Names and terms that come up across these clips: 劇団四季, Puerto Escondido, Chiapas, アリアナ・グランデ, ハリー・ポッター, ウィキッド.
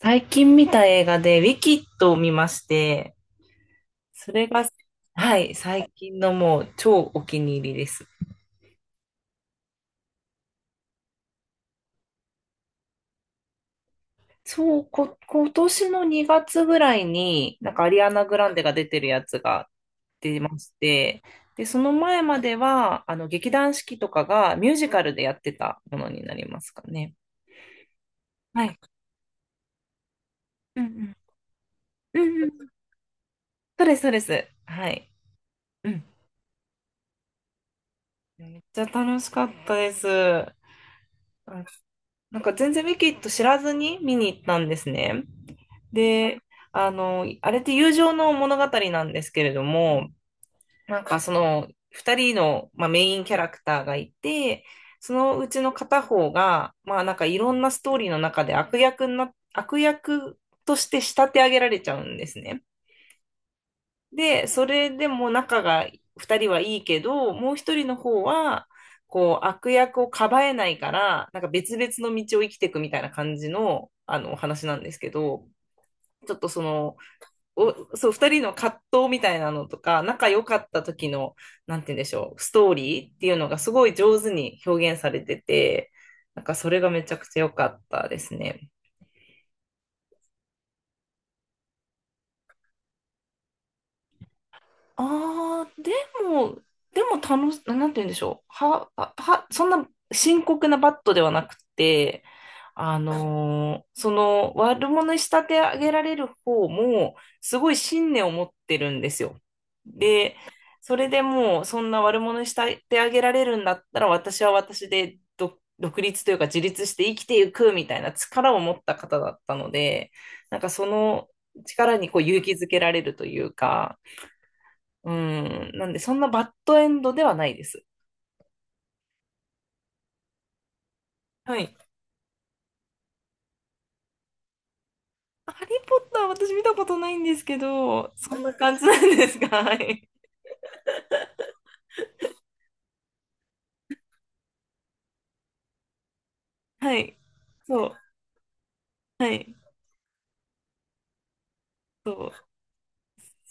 最近見た映画で、ウィキッドを見まして、それが、はい、最近のもう超お気に入りです。そう、今年の2月ぐらいに、なんかアリアナ・グランデが出てるやつが出まして、で、その前までは、劇団四季とかがミュージカルでやってたものになりますかね。はい。うんうん。うんうん。そうです、そうです。はい。うん。めっちゃ楽しかったです。なんか全然ウィキッド知らずに見に行ったんですね。で、あれって友情の物語なんですけれども、なんかその2人の、まあ、メインキャラクターがいて、そのうちの片方が、まあなんかいろんなストーリーの中で悪役として仕立て上げられちゃうんですね。で、それでも仲が2人はいいけど、もう1人の方は、こう、悪役をかばえないから、なんか別々の道を生きていくみたいな感じの、お話なんですけど、ちょっとそう、2人の葛藤みたいなのとか、仲良かった時の、なんて言うんでしょう、ストーリーっていうのがすごい上手に表現されてて、なんかそれがめちゃくちゃ良かったですね。ああ、も、でもなんて言うんでしょう。は、は、はそんな深刻なバットではなくて、その悪者に仕立て上げられる方も、すごい信念を持ってるんですよ。で、それでもう、そんな悪者に仕立て上げられるんだったら、私は私で独立というか自立して生きていくみたいな力を持った方だったので、なんかその力にこう勇気づけられるというか、うん。なんで、そんなバッドエンドではないです。はい。ハリー・ポッター私見たことないんですけど、そんな感じなんですか？はい。はい。そう。はい。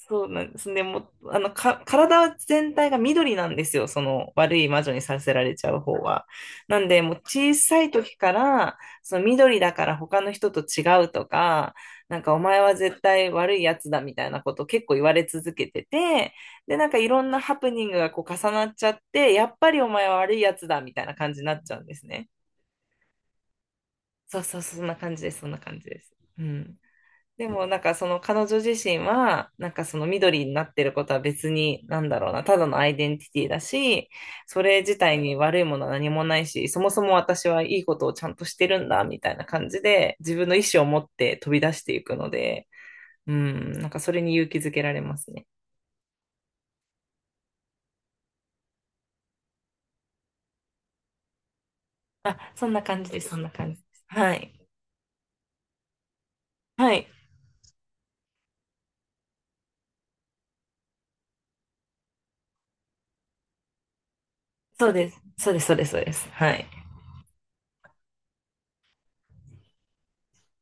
そうなんですね。もう、体全体が緑なんですよ。その悪い魔女にさせられちゃう方は。なんで、もう小さい時から、その緑だから他の人と違うとか、なんかお前は絶対悪いやつだみたいなことを結構言われ続けてて、で、なんかいろんなハプニングがこう重なっちゃって、やっぱりお前は悪いやつだみたいな感じになっちゃうんですね。そうそう、そんな感じです。そんな感じです。うん。でもなんかその彼女自身はなんかその緑になってることは別に、なんだろうな、ただのアイデンティティだし、それ自体に悪いものは何もないし、そもそも私はいいことをちゃんとしてるんだみたいな感じで自分の意思を持って飛び出していくので、うん、なんかそれに勇気づけられますね。あ、そんな感じです。そんな感じです。はい。はい。そうです、そうです、そうです、そうです、はい。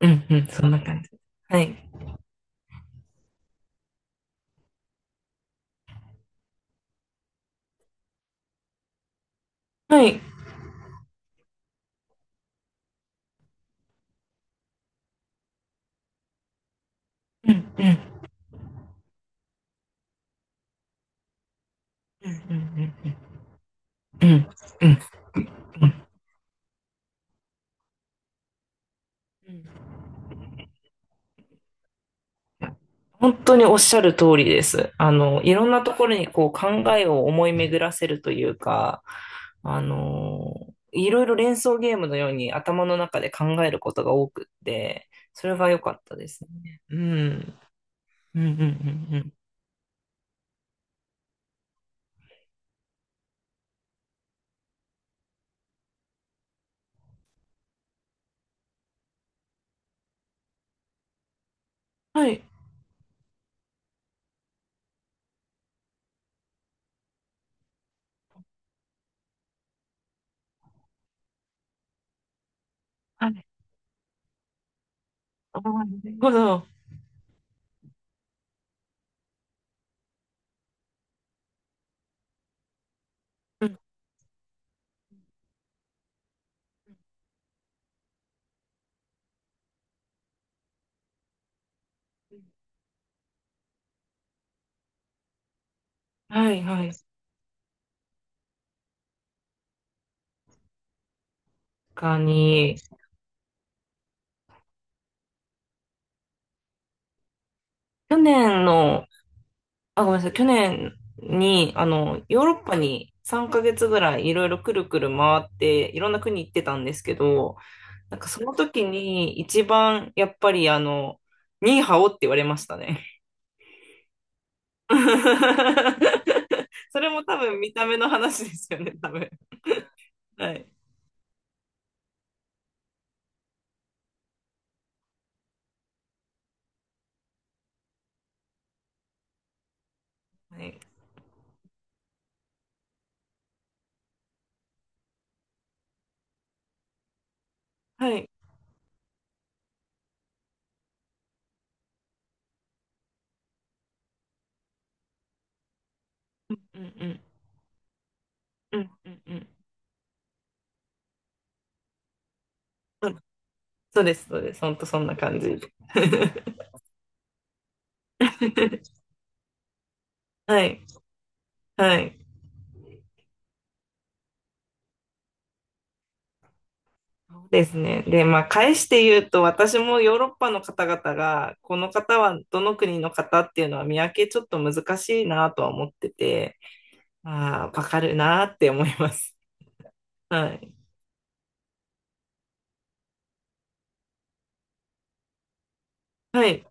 うんうん、そんな感じ。はい。はい。うんうんうんうんうんうんうんうんうん。本当におっしゃる通りです。いろんなところにこう考えを思い巡らせるというか、あの、いろいろ連想ゲームのように頭の中で考えることが多くって、それが良かったですね。うん。うんうんうんうん。はい。はい。あーなるほど。うん。はい、はい。確かに、去年の、あ、ごめんなさい、去年に、ヨーロッパに3ヶ月ぐらいいろいろくるくる回って、いろんな国行ってたんですけど、なんかその時に一番やっぱりニーハオって言われましたね。それも多分見た目の話ですよね、多分。はい。はい。はい。うんうん。うんうんうん。うん、そうです、そうです。ほんとそんな感じ。はい。はい。そうですね。で、まあ、返して言うと、私もヨーロッパの方々が、この方はどの国の方っていうのは見分けちょっと難しいなとは思ってて、ああ、わかるなーって思います。はい。はい。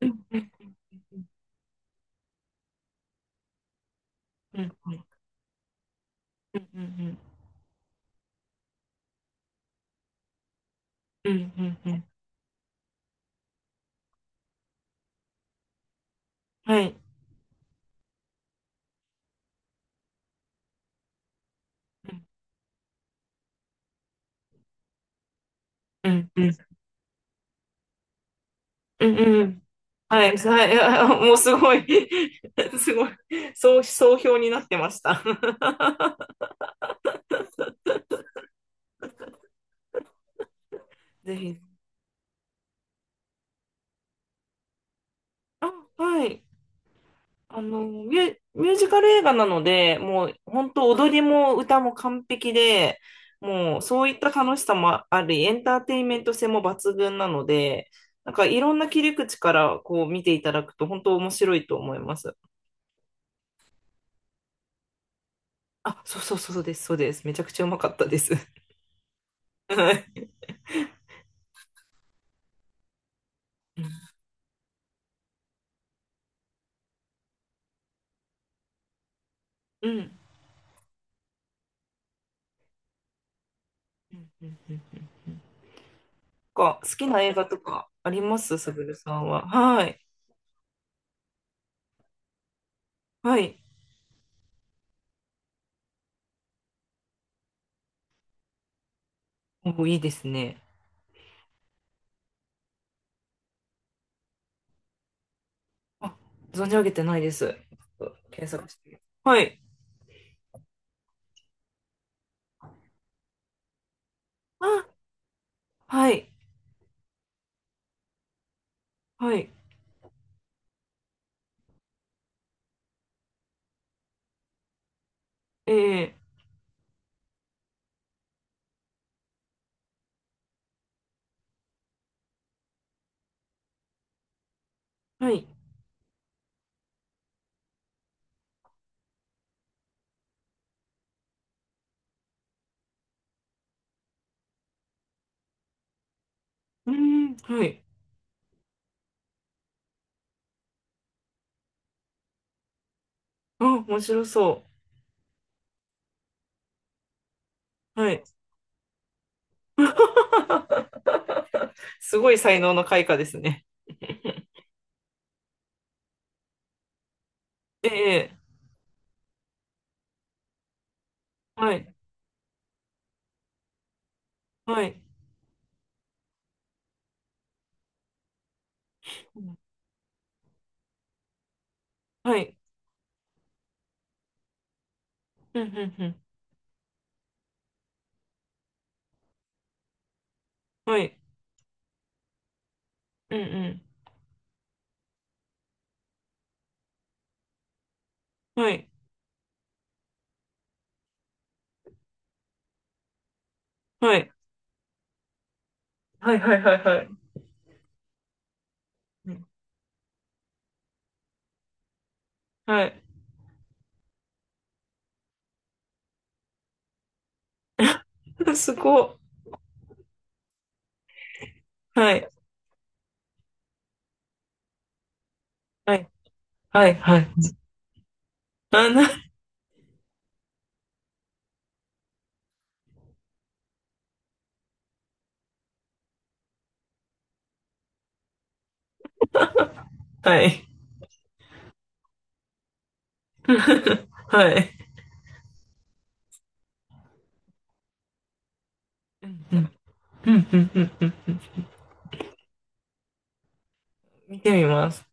うん、うん、うん、うん、うん、うん、うん、うん、はい。うん、うん、うん、うん。はい、はい、あ、もうすごい。 すごい、そう、総評になってました。ぜひ。あ、はい。ミュージカル映画なので、もう本当踊りも歌も完璧で、もうそういった楽しさもあり、エンターテインメント性も抜群なので、なんかいろんな切り口からこう見ていただくと本当面白いと思います。あ、そうそう、そうです、そうです。めちゃくちゃうまかったです。はい。うん。うんうんうんうん。好きな映画とかありますすぐるさんは？はい。はい。お、いいですね。あ、存じ上げてないです。ちょっと検索して。はい。あ、はい。はい。えはい。うーん、はい。あ、面白そう。はい。すごい才能の開花ですね。ええ、はい。はい。はい。うん、うん、うん。はい。うん、うん。はい。はい。はい、はい、はい、はい。うん、はい。すごい。はい。はい。はい、はい。あ、はい。はい。うん、うん、うん、うん。うん、見てみます。